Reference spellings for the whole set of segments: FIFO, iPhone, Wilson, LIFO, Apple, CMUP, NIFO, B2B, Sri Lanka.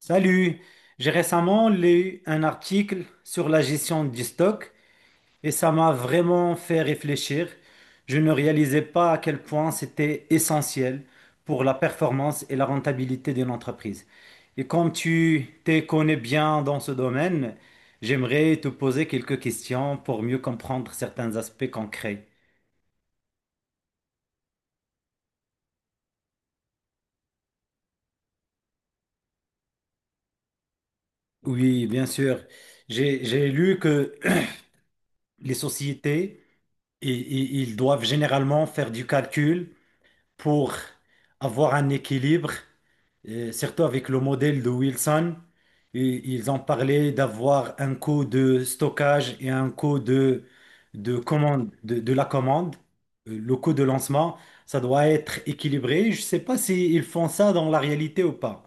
Salut, j'ai récemment lu un article sur la gestion du stock et ça m'a vraiment fait réfléchir. Je ne réalisais pas à quel point c'était essentiel pour la performance et la rentabilité d'une entreprise. Et comme tu te connais bien dans ce domaine, j'aimerais te poser quelques questions pour mieux comprendre certains aspects concrets. Oui, bien sûr. J'ai lu que les sociétés, ils doivent généralement faire du calcul pour avoir un équilibre, surtout avec le modèle de Wilson. Et ils ont parlé d'avoir un coût de stockage et un coût de commande, de la commande. Le coût de lancement, ça doit être équilibré. Je ne sais pas s'ils font ça dans la réalité ou pas.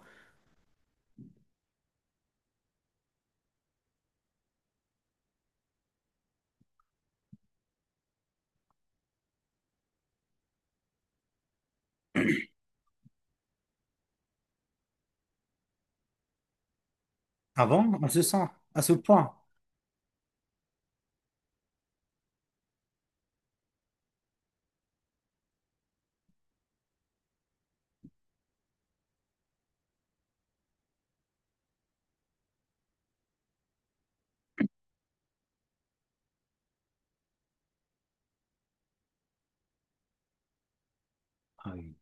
Avant, on se sent à ce point. Ah oui.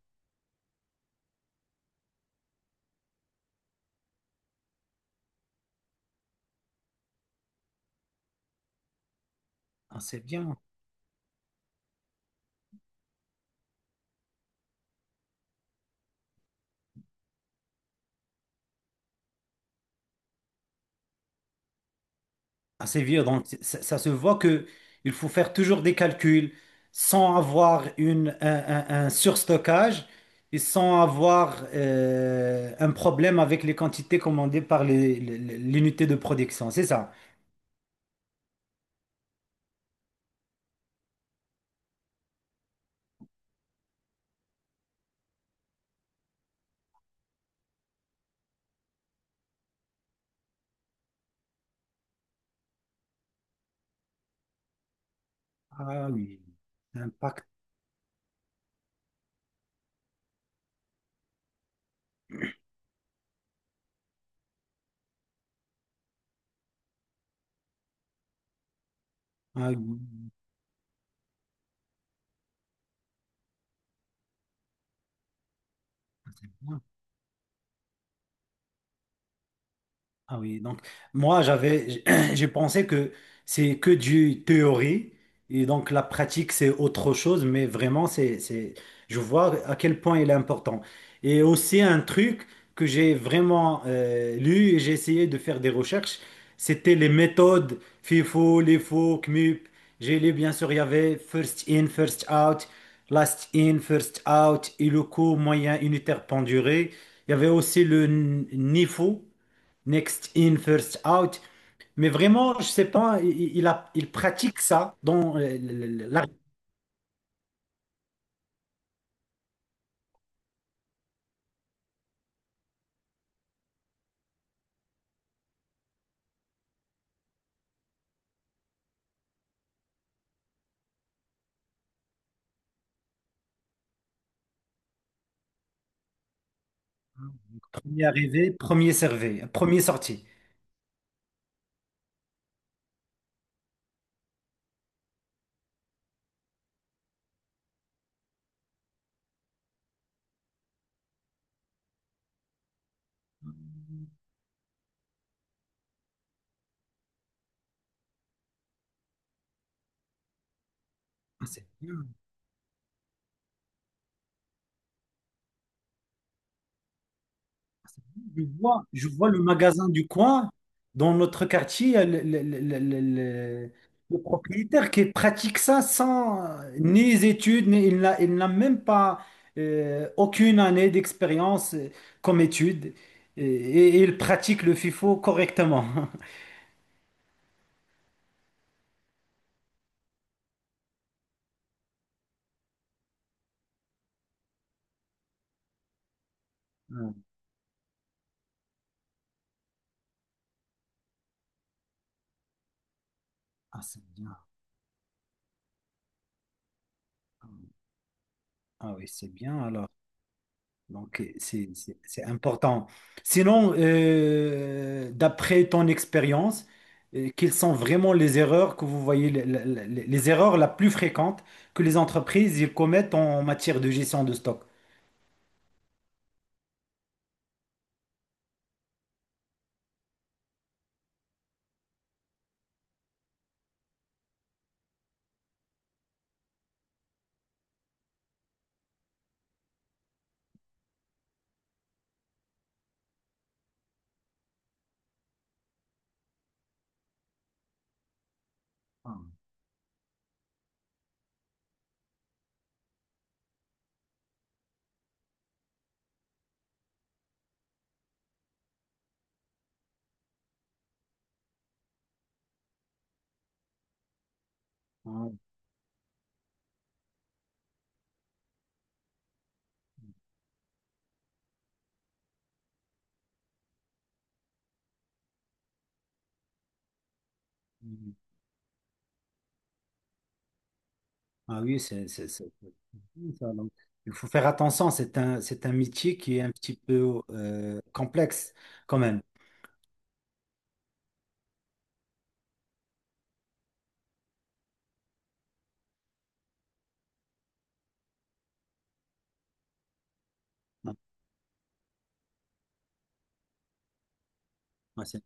Ah, c'est bien. Assez vieux. Donc, ça se voit que il faut faire toujours des calculs sans avoir un surstockage et sans avoir un problème avec les quantités commandées par l'unité de production. C'est ça. Ah oui, l'impact. Ah oui. Ah oui, donc moi j'avais j'ai pensé que c'est que du théorie et donc la pratique c'est autre chose, mais vraiment c'est je vois à quel point il est important. Et aussi un truc que j'ai vraiment lu et j'ai essayé de faire des recherches, c'était les méthodes FIFO, LIFO, CMUP. J'ai lu, bien sûr il y avait first in, first out, last in, first out, et le coût moyen unitaire penduré. Il y avait aussi le NIFO. Next in, first out. Mais vraiment, je sais pas, il pratique ça dans la premier arrivé, premier servi, premier sorti. Ah, c'est bien. Je vois le magasin du coin dans notre quartier, le- le propriétaire qui pratique ça sans ni études, ni, il n'a même pas aucune année d'expérience comme étude et il pratique le FIFO correctement. Ah, c'est bien. Ah oui, c'est bien alors. Donc, c'est important. Sinon, d'après ton expérience, quelles sont vraiment les erreurs que vous voyez, les erreurs la plus fréquentes que les entreprises ils commettent en matière de gestion de stock? Ah, ah, mm. Ah oui, c'est bien ça. Donc, il faut faire attention, c'est un métier qui est un petit peu complexe quand même. Ah, ah, c'est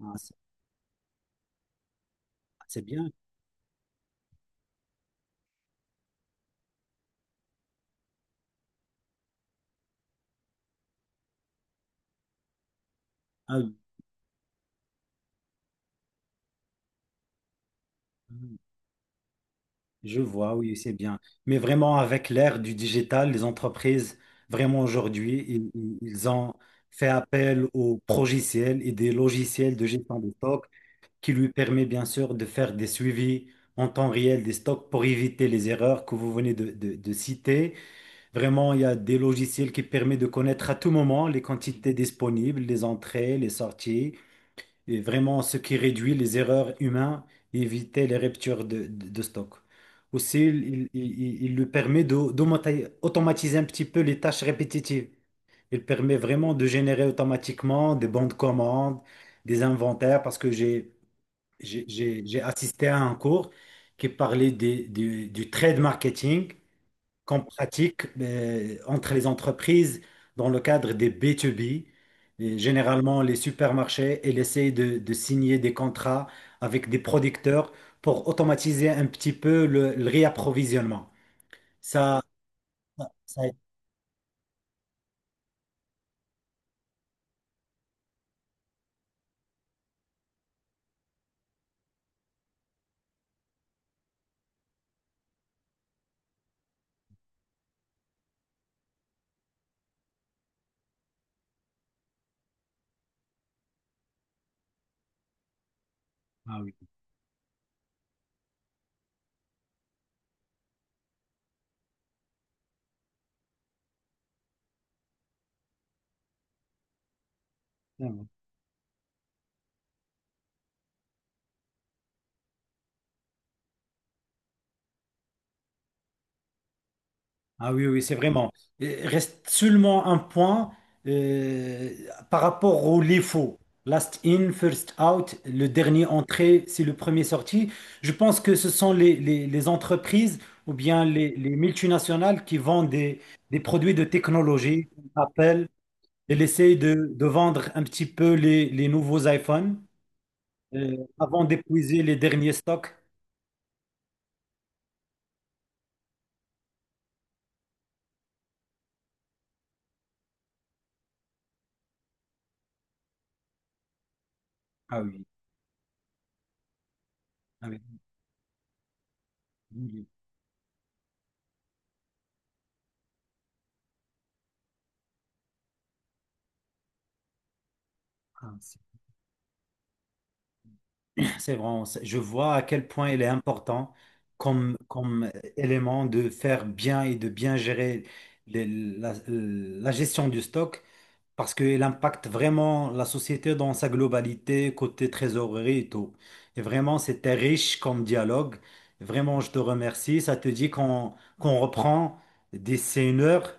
ah, c'est- ah, c'est bien. Ah oui. Je vois, oui, c'est bien. Mais vraiment, avec l'ère du digital, les entreprises, vraiment aujourd'hui, ils ont fait appel aux progiciels et des logiciels de gestion des stocks qui lui permet bien sûr de faire des suivis en temps réel des stocks pour éviter les erreurs que vous venez de citer. Vraiment, il y a des logiciels qui permettent de connaître à tout moment les quantités disponibles, les entrées, les sorties. Et vraiment, ce qui réduit les erreurs humaines et éviter les ruptures de stock. Aussi, il lui permet d'automatiser un petit peu les tâches répétitives. Il permet vraiment de générer automatiquement des bons de commande, des inventaires, parce que j'ai assisté à un cours qui parlait du trade marketing qu'on pratique entre les entreprises dans le cadre des B2B. Et généralement, les supermarchés, ils essayent de signer des contrats avec des producteurs pour automatiser un petit peu le réapprovisionnement. Ça, ça. Ah oui. Ah oui, oui, c'est vraiment. Reste seulement un point euh, par rapport au LIFO. Last in, first out, le dernier entré, c'est le premier sorti. Je pense que ce sont les entreprises ou bien les multinationales qui vendent des produits de technologie, comme Apple, et essaye de vendre un petit peu les nouveaux iPhones avant d'épuiser les derniers stocks. Ah oui, ah oui. Ah, c'est vraiment, je vois à quel point il est important comme, comme élément de faire bien et de bien gérer la gestion du stock parce qu'il impacte vraiment la société dans sa globalité, côté trésorerie et tout. Et vraiment, c'était riche comme dialogue. Vraiment, je te remercie. Ça te dit qu'on reprend d'ici une heure?